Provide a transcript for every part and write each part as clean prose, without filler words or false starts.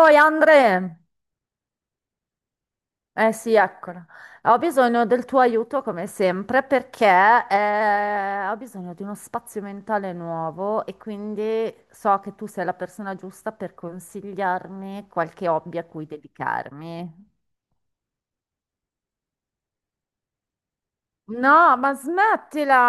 Oi Andre, eh sì, eccola. Ho bisogno del tuo aiuto come sempre perché ho bisogno di uno spazio mentale nuovo e quindi so che tu sei la persona giusta per consigliarmi qualche hobby a cui dedicarmi. No, ma smettila!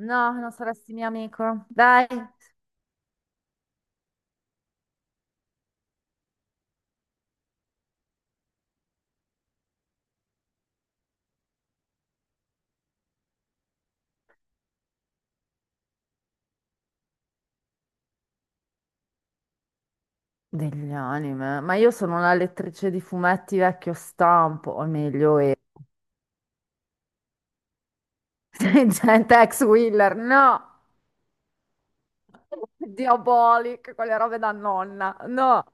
No, non saresti mio amico. Dai. Degli anime, ma io sono una lettrice di fumetti vecchio stampo, o meglio, e... gente ex Wheeler, no! Diabolic, quelle robe da nonna. No,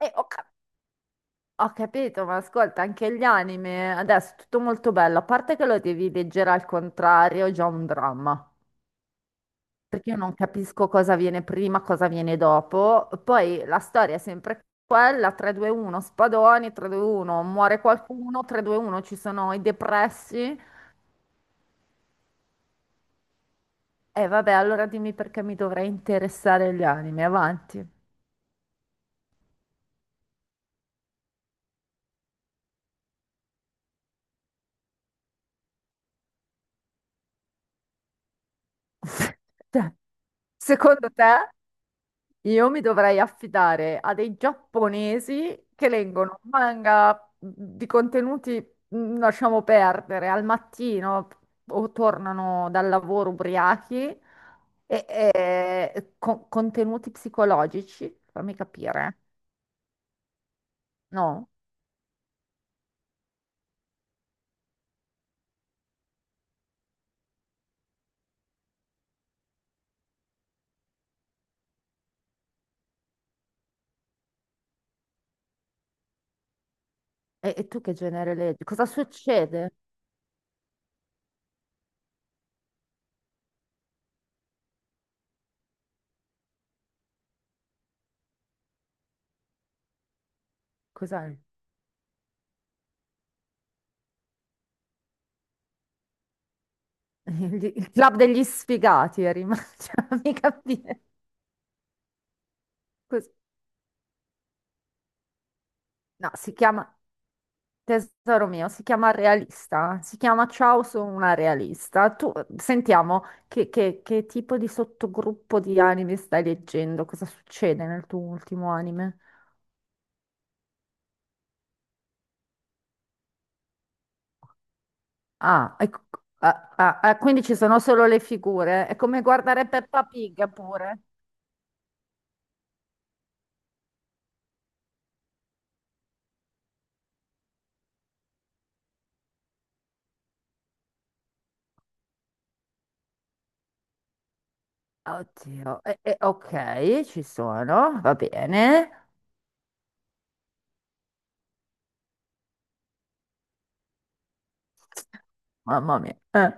e ho, cap- ho capito, ma ascolta, anche gli anime adesso è tutto molto bello, a parte che lo devi leggere al contrario, è già un dramma, perché io non capisco cosa viene prima, cosa viene dopo. Poi la storia è sempre quella, 3-2-1, spadoni, 3-2-1, muore qualcuno, 3-2-1, ci sono i depressi. E vabbè, allora dimmi perché mi dovrei interessare gli anime, avanti. Cioè, secondo te? Io mi dovrei affidare a dei giapponesi che leggono manga mhmm, di contenuti, lasciamo perdere, al mattino o tornano dal lavoro ubriachi e contenuti psicologici, fammi capire, no? E tu che genere leggi? Cosa succede? Cos'è? Il club degli sfigati è rimasto, fammi capire. Cos- No, si chiama... Tesoro mio, si chiama realista, si chiama Ciao, sono una realista. Tu sentiamo che tipo di sottogruppo di anime stai leggendo, cosa succede nel tuo ultimo anime? Ah, ecco, ah, ah, ah, quindi ci sono solo le figure, è come guardare Peppa Pig pure. Oddio, ok, ci sono, va bene. Mamma mia,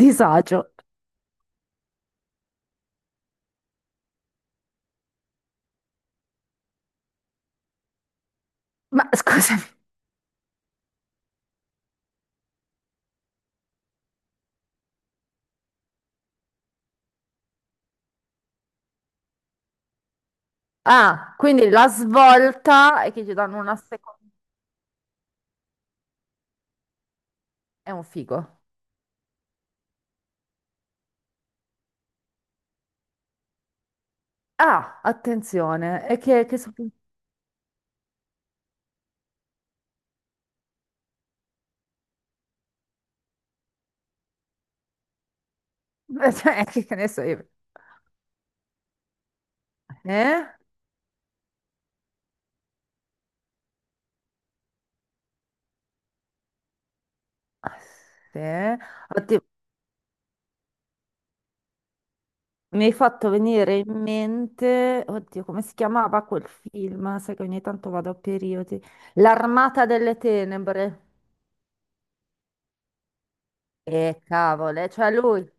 disagio. Ma scusami. Ah, quindi la svolta è che ci danno una seconda. È un figo. Ah, attenzione, cioè, che ne so io. Eh? Ah, sì. Oddio, mi hai fatto venire in mente, oddio, come si chiamava quel film? Sai che ogni tanto vado a periodi. L'Armata delle Tenebre. E cavole, cioè lui,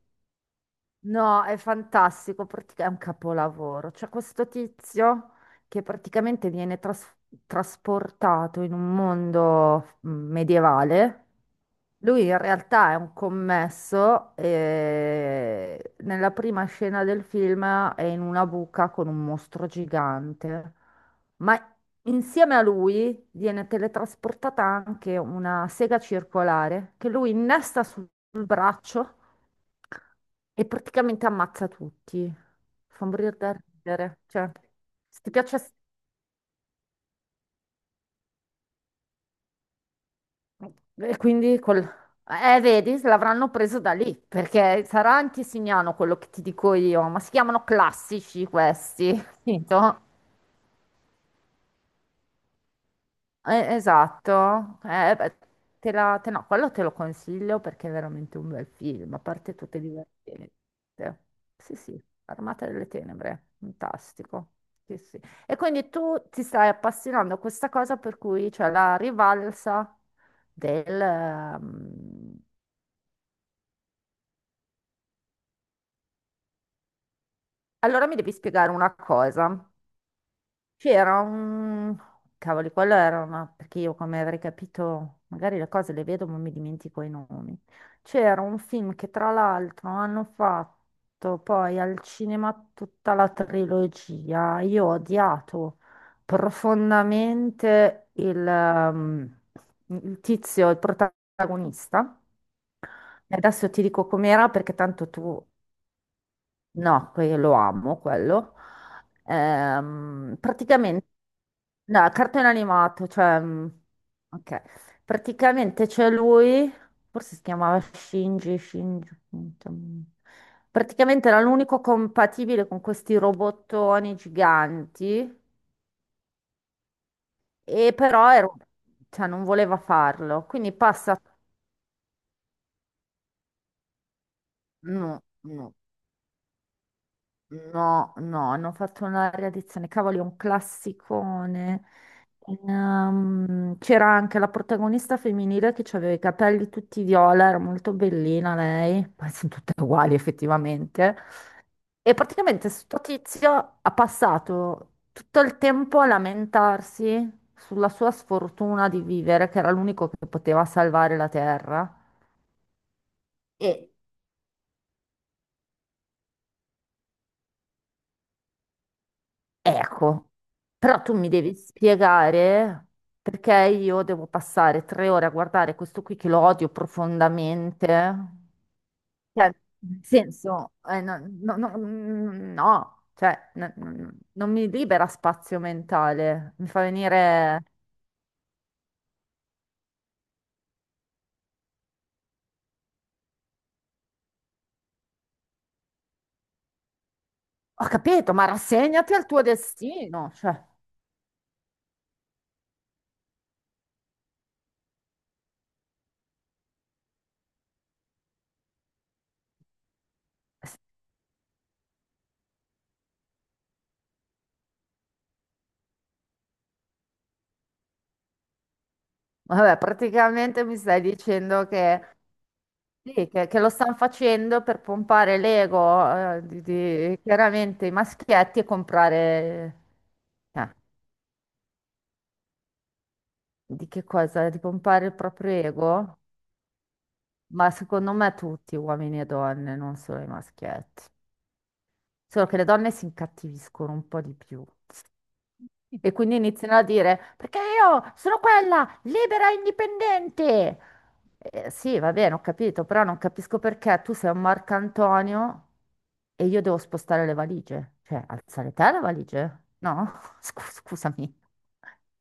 no, è fantastico, è un capolavoro. C'è questo tizio che praticamente viene trasportato in un mondo medievale. Lui in realtà è un commesso e nella prima scena del film è in una buca con un mostro gigante, ma insieme a lui viene teletrasportata anche una sega circolare che lui innesta sul braccio e praticamente ammazza tutti. Fa morire da ridere. Cioè, se ti piace. E quindi col... vedi, se l'avranno preso da lì, perché sarà anche signano quello che ti dico io, ma si chiamano classici questi, capito? Esatto. Beh, no, quello te lo consiglio perché è veramente un bel film, a parte tutte divertenti. Sì, sì, Armata delle Tenebre, fantastico. Sì, sì. E quindi tu ti stai appassionando a questa cosa per cui c'è la rivalsa del... Allora mi devi spiegare una cosa. C'era un... Cavoli, quello era una... Perché io come avrei capito, magari le cose le vedo ma mi dimentico i nomi. C'era un film che tra l'altro hanno fatto poi al cinema tutta la trilogia. Io ho odiato profondamente il tizio, il protagonista. E adesso ti dico com'era perché tanto tu... No, lo amo quello. Praticamente, no, cartone animato, cioè, ok. Praticamente c'è lui, forse si chiamava Shinji, Shinji. mm, Praticamente era l'unico compatibile con questi robottoni giganti, e però cioè, non voleva farlo. Quindi passa, no, no. No, no, hanno fatto una riedizione, cavoli, è un classicone. C'era anche la protagonista femminile che aveva i capelli tutti viola, era molto bellina lei, poi sono tutte uguali effettivamente. E praticamente sto tizio ha passato tutto il tempo a lamentarsi sulla sua sfortuna di vivere, che era l'unico che poteva salvare la Terra. E ecco, però tu mi devi spiegare perché io devo passare tre ore a guardare questo qui che lo odio profondamente. Cioè, nel senso, no, no, no, no, cioè, non mi libera spazio mentale, mi fa venire... Ho capito, ma rassegnati al tuo destino. Cioè, vabbè, praticamente mi stai dicendo che sì, che lo stanno facendo per pompare l'ego, chiaramente i maschietti e comprare... eh, di che cosa? Di pompare il proprio ego? Ma secondo me tutti, uomini e donne, non solo i maschietti. Solo che le donne si incattiviscono un po' di più. E quindi iniziano a dire, perché io sono quella libera e indipendente. Sì, va bene, ho capito, però non capisco perché tu sei un Marcantonio e io devo spostare le valigie. Cioè, alzare te le valigie? No? Scusami,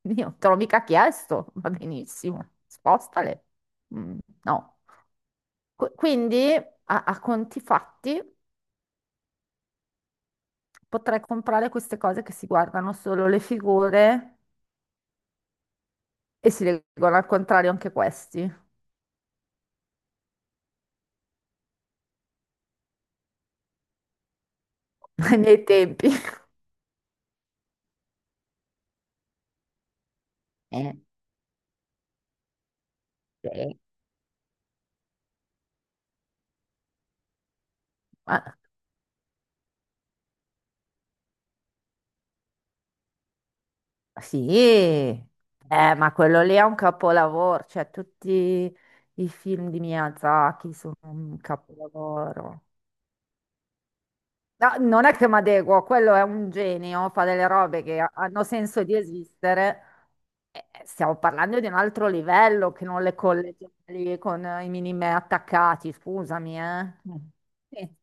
io te l'ho mica chiesto, va benissimo, spostale. Mm, no. Quindi, a conti fatti... Potrei comprare queste cose che si guardano solo le figure e si leggono al contrario anche questi, ai miei tempi. Eh, sì. Ma- sì, ma quello lì è un capolavoro, cioè tutti i film di Miyazaki sono un capolavoro. No, non è che mi adeguo, quello è un genio, fa delle robe che hanno senso di esistere. Stiamo parlando di un altro livello che non le colleghi lì con i minimi attaccati, scusami, eh. Sì.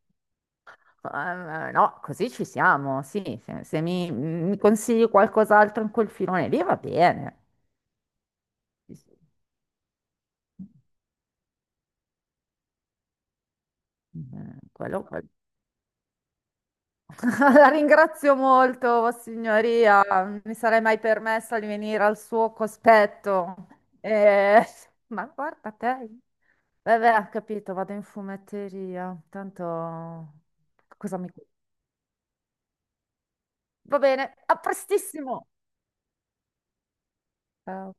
No, così ci siamo, sì. Se mi consigli qualcos'altro in quel filone lì va bene. Sì, sì. Quello, quello. La ringrazio molto, Vossignoria. Non mi sarei mai permessa di venire al suo cospetto. Eh, ma guarda te. Vabbè, ho capito, vado in fumetteria. Tanto cosa mi... Va bene, a prestissimo. Ciao.